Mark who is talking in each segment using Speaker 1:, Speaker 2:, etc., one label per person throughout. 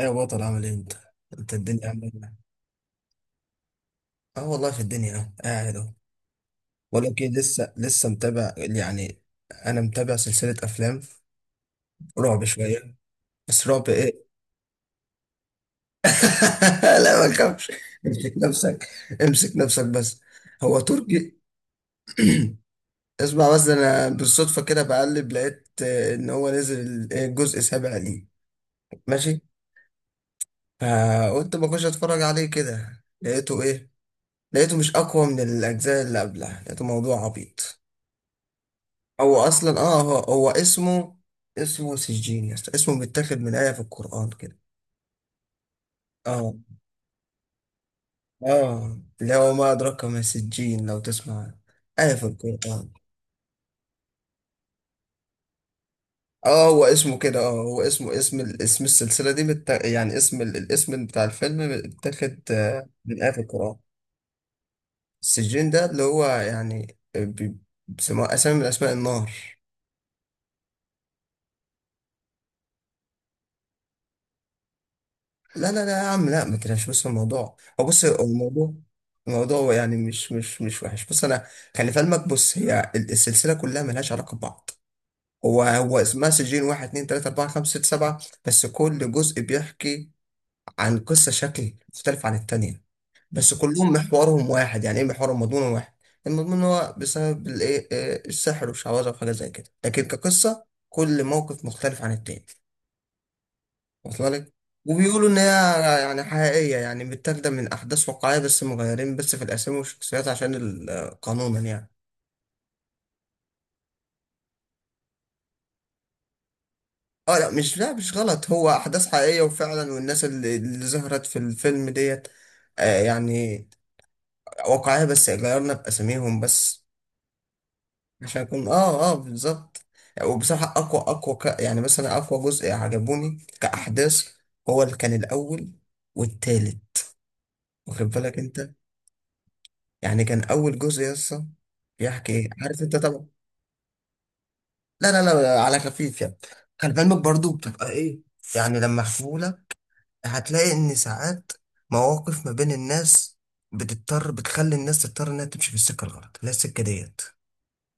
Speaker 1: ايه يا بطل عامل ايه انت؟ انت الدنيا عامل ايه؟ اه والله في الدنيا اهو قاعد اهو. بقول لك ايه، لسه متابع يعني. انا متابع سلسلة افلام رعب شوية. بس رعب ايه؟ لا ما تخافش. امسك نفسك، امسك نفسك بس. هو تركي. اسمع بس، انا بالصدفة كده بقلب لقيت ان هو نزل الجزء السابع ليه. ماشي؟ فقلت ما اخش اتفرج عليه كده لقيته ايه؟ لقيته مش اقوى من الاجزاء اللي قبلها، لقيته موضوع عبيط. هو اصلا اه هو اسمه، اسمه سجين يا اسطى. اسمه متاخد من آية في القرآن كده. اه، اه اللي هو ما أدراك ما سجين لو تسمع، آية في القرآن. اه هو اسمه كده، اه هو اسمه اسم السلسلة دي يعني الاسم بتاع الفيلم متاخد من آية في القرآن. السجين ده اللي هو يعني بيسموه أسامي من أسماء النار. لا لا لا يا عم، لا ما تلاش، بس الموضوع هو، بص هو الموضوع، الموضوع يعني مش وحش. بص انا، خلي في علمك، بص السلسله كلها ملهاش علاقه ببعض. هو اسمها سجين، واحد اتنين تلاته اربعه خمسه سته سبعه. بس كل جزء بيحكي عن قصه شكل مختلف عن التانيه، بس كلهم محورهم واحد. يعني ايه محورهم؟ مضمون واحد. المضمون هو بسبب الايه آه، السحر والشعوذه وحاجات زي كده، لكن كقصه كل موقف مختلف عن التاني. واصله لك. وبيقولوا ان هي يعني حقيقيه، يعني متاخده من احداث واقعيه، بس مغيرين بس في الاسامي والشخصيات عشان قانونا يعني. اه لا، مش، لا مش غلط، هو احداث حقيقيه وفعلا، والناس اللي ظهرت في الفيلم ديت يعني واقعيه، بس غيرنا باساميهم بس عشان يكون اه بالظبط. وبصراحه يعني مثلا اقوى جزء عجبوني كاحداث هو اللي كان الاول والتالت، واخد بالك انت. يعني كان اول جزء يسطا بيحكي ايه، عارف انت طبعا. لا لا لا، على خفيف يعني. خلي بالك برضو بتبقى ايه يعني لما احكيهولك. هتلاقي ان ساعات مواقف ما بين الناس بتضطر، بتخلي الناس تضطر انها تمشي في السكه الغلط اللي هي السكه ديت.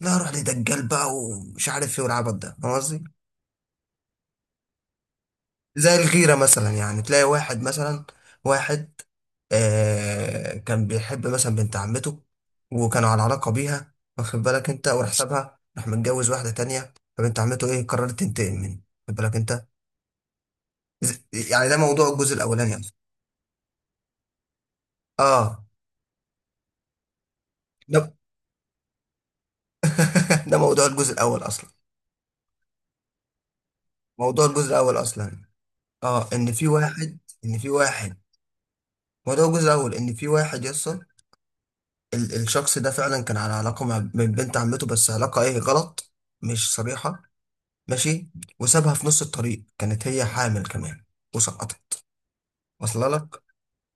Speaker 1: لا روح لدجال بقى، ومش عارف ايه والعبط ده، فاهم قصدي؟ زي الغيرة مثلا، يعني تلاقي واحد مثلا، واحد آه كان بيحب مثلا بنت عمته، وكانوا على علاقة بيها واخد بالك انت، وراح سابها، راح متجوز واحدة تانية، فبنت عمته ايه؟ قررت تنتقم منه، واخد بالك انت. ز- يعني ده موضوع الجزء الأولاني أصلا. اه ده ده موضوع الجزء الأول أصلا. موضوع الجزء الأول أصلا، اه إن في واحد، إن في واحد، موضوع الجزء الأول إن في واحد يصل. الشخص ده فعلا كان على علاقة مع من بنت عمته، بس علاقة ايه؟ غلط، مش صريحة. ماشي. وسابها في نص الطريق، كانت هي حامل كمان، وسقطت. وصل لك؟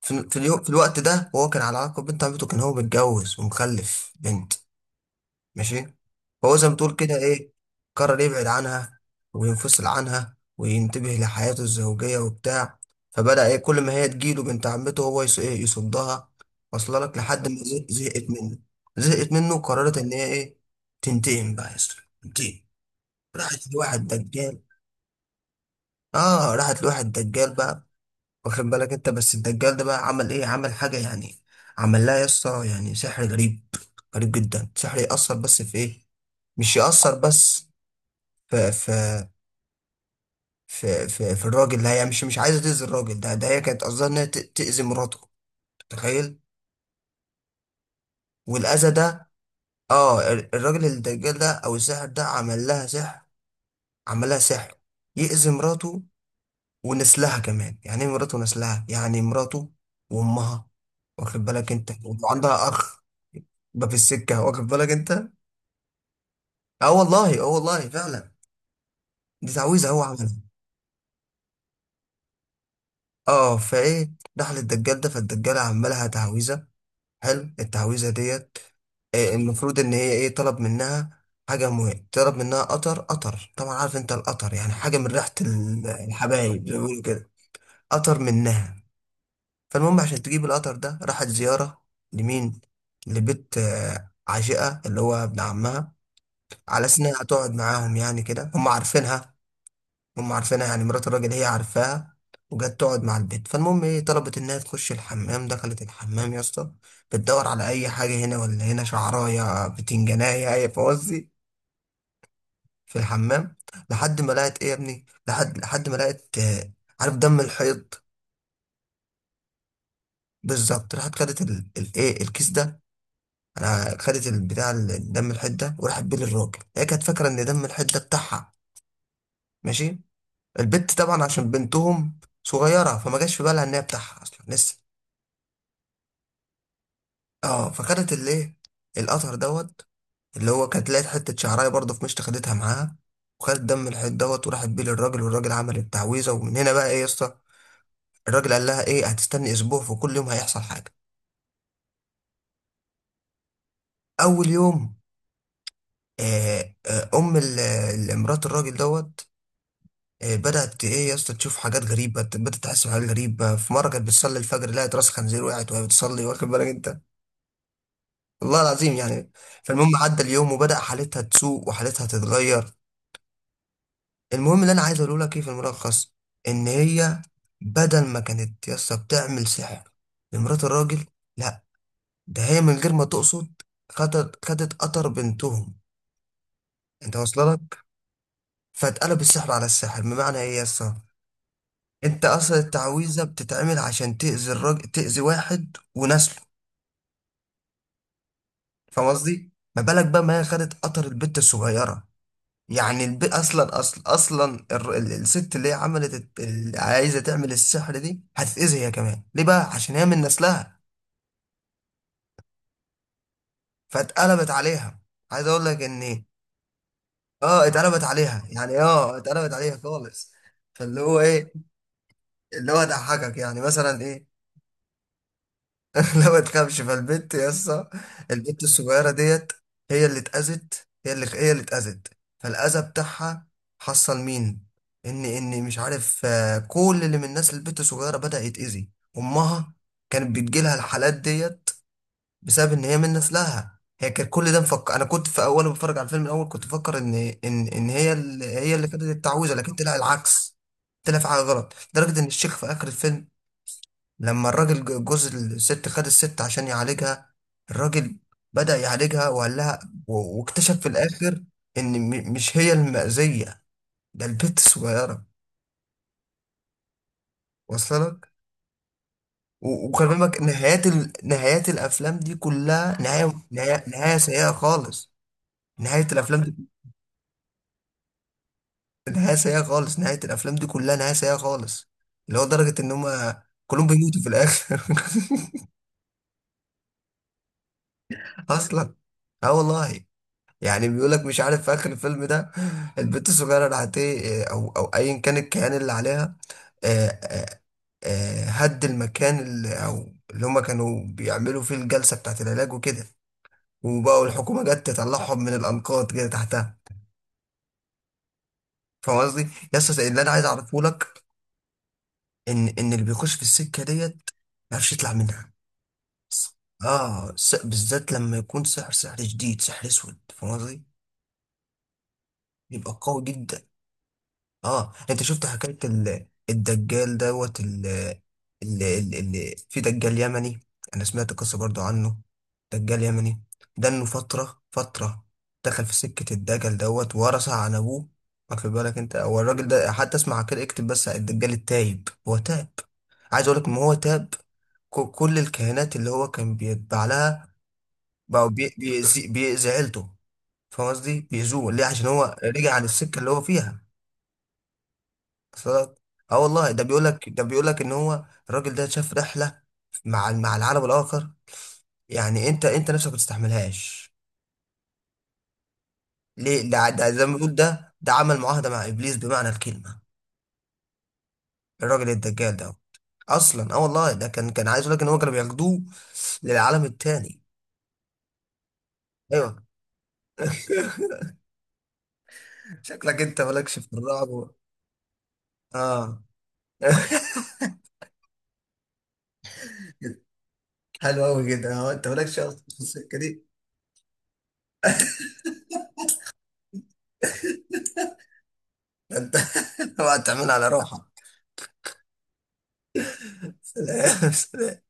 Speaker 1: في الوقت ده وهو كان على علاقة ببنت عمته، كان هو متجوز ومخلف بنت. ماشي. فهو زي ما تقول كده ايه، قرر يبعد عنها، وينفصل عنها وينتبه لحياته الزوجية وبتاع. فبدأ ايه، كل ما هي تجيله بنت عمته هو يص- إيه يصدها. وصل لك. لحد ما زهقت منه، زهقت منه وقررت ان هي ايه، تنتقم بقى يا اسطى، تنتقم. راحت لواحد دجال. اه راحت لواحد دجال بقى، واخد بالك انت. بس الدجال ده بقى عمل ايه؟ عمل حاجه يعني، عمل لها يا اسطى يعني سحر غريب، غريب جدا. سحر يأثر بس في ايه؟ مش يأثر بس في في في الراجل ده، هي مش عايزه تأذي الراجل ده. ده هي كانت قصدها انها تأذي مراته. تخيل. والأذى ده، اه الراجل الدجال ده او الساحر ده عمل لها سحر، عمل لها سحر يأذي مراته ونسلها كمان. يعني ايه مراته ونسلها؟ يعني مراته وامها، واخد بالك انت، وعندها اخ. بقى في السكه واخد بالك انت. اه والله، اه والله فعلا. دي تعويذه هو عملها. اه فايه دخل الدجال ده، فالدجال عمل لها تعويذه، حلو. التعويذه ديت المفروض ان هي ايه، طلب منها حاجه مهمه، طلب منها قطر. قطر طبعا عارف انت، القطر يعني حاجه من ريحه الحبايب زي ما بيقولوا كده. قطر منها. فالمهم عشان تجيب القطر ده راحت زياره لمين؟ لبيت عشيقه اللي هو ابن عمها، على اساس انها هتقعد معاهم يعني كده، هم عارفينها. هم عارفينها يعني مرات الراجل هي عارفاها. وجت تقعد مع البيت، فالمهم ايه، طلبت انها تخش الحمام. دخلت الحمام يا اسطى بتدور على اي حاجه، هنا ولا هنا، شعرايه بتنجانيه اي فوزي في الحمام، لحد ما لقت ايه يا ابني، لحد ما لقت عارف دم الحيض. بالظبط. راحت خدت ال- الايه الكيس ده، انا خدت دم الحيض ده، وراحت بيه للراجل. هي كانت فاكره ان دم الحيض ده بتاعها، ماشي؟ البت طبعا عشان بنتهم صغيره فما جاش في بالها ان هي بتاعها اصلا لسه. اه فخدت الايه، القطر دوت، اللي هو كانت لقيت حته شعرايه برضه في مشط خدتها معاها، وخدت دم الحيط دوت وراحت بيه للراجل، والراجل عمل التعويذه. ومن هنا بقى ايه يا اسطى، الراجل قال لها ايه، هتستني اسبوع وكل يوم هيحصل حاجه. اول يوم، مرات الراجل دوت بدات ايه يا اسطى تشوف حاجات غريبه، بدات تحس بحاجات غريبه. في مره كانت بتصلي الفجر لقت راس خنزير، وقعت وهي بتصلي، واخد بالك انت، والله العظيم يعني. فالمهم عدى اليوم وبدأ حالتها تسوء وحالتها تتغير. المهم اللي انا عايز اقوله لك ايه، في الملخص، ان هي بدل ما كانت يسا بتعمل سحر لمرات الراجل، لا، ده هي من غير ما تقصد خدت قطر بنتهم. انت واصله لك. فاتقلب السحر على السحر، بمعنى ايه يسا، انت اصلا التعويذه بتتعمل عشان تاذي الراجل، تاذي واحد ونسله، فاهم قصدي؟ ما بالك بقى ما هي خدت قطر البت الصغيره. يعني الب... اصلا اصلا اصلا الر- ال- الست اللي هي عملت اللي عايزه تعمل السحر دي هتتاذي هي كمان. ليه بقى؟ عشان هي من نسلها، فاتقلبت عليها. عايز اقول لك ان اه اتقلبت عليها، يعني اه اتقلبت عليها خالص. فاللي هو ايه، اللي هو ضحكك يعني مثلا ايه. لا ما تخافش. فالبنت يا اسطى، البنت الصغيره ديت هي اللي اتاذت، هي اللي اتاذت. فالاذى بتاعها حصل مين، ان مش عارف كل اللي من الناس البنت الصغيره بدا يتاذي. امها كانت بتجيلها الحالات ديت بسبب ان هي من نسلها. هي كانت كل ده مفكر، انا كنت في اول بتفرج على الفيلم الاول كنت بفكر ان هي اللي خدت التعويذه، لكن طلع العكس. طلع في حاجه غلط لدرجه ان الشيخ في اخر الفيلم، لما الراجل جوز الست خد الست عشان يعالجها، الراجل بدأ يعالجها وقال لها، واكتشف في الآخر إن مش هي المأذية، ده البت الصغيرة. واصلة لك. وخلي بالك نهايات نهايات الأفلام دي كلها نهاية سيئة خالص. نهاية الأفلام دي نهاية سيئة خالص. نهاية الأفلام دي كلها نهاية سيئة خالص، اللي هو درجة إن هما كلهم بيموتوا في الآخر. أصلا. اه والله. يعني بيقول لك مش عارف في اخر الفيلم ده البنت الصغيره راحت ايه، او ايا كان الكيان اللي عليها، آه، آه، هد المكان اللي او اللي هم كانوا بيعملوا فيه الجلسه بتاعت العلاج وكده، وبقوا الحكومه جت تطلعهم من الانقاض كده تحتها. فاهم قصدي؟ يس اللي انا عايز اعرفه لك ان اللي بيخش في السكه ديت ما يعرفش يطلع منها. اه بالذات لما يكون سحر سحر شديد سحر اسود، فاهم قصدي؟ يبقى قوي جدا. اه انت شفت حكاية الدجال دوت، في دجال يمني. انا سمعت قصة برضو عنه، دجال يمني، ده انه فترة دخل في سكة الدجال دوت ورثها عن ابوه، واخد بالك انت. هو الراجل ده حتى اسمع كده اكتب بس، على الدجال التايب هو تاب. عايز اقول لك ان هو تاب. كل الكهنات اللي هو كان بيتبع لها بقوا بيأذي عيلته. فاهم قصدي؟ بيأذوه ليه؟ عشان هو رجع عن السكة اللي هو فيها. صدق. اه والله، ده بيقول لك ان هو الراجل ده شاف رحله مع مع العالم الاخر. يعني انت، انت نفسك ما تستحملهاش ليه، ده زي ما بيقول، ده عمل معاهده مع ابليس بمعنى الكلمه، الراجل الدجال ده. اصلا اه والله، ده كان كان عايز يقول لك ان هو كانوا بياخدوه للعالم التاني. ايوه. شكلك انت مالكش في الرعب اه حلو قوي كده. اه انت مالكش اصلا في السكه دي. ده انت اوعى تعملها على روحك. سلام.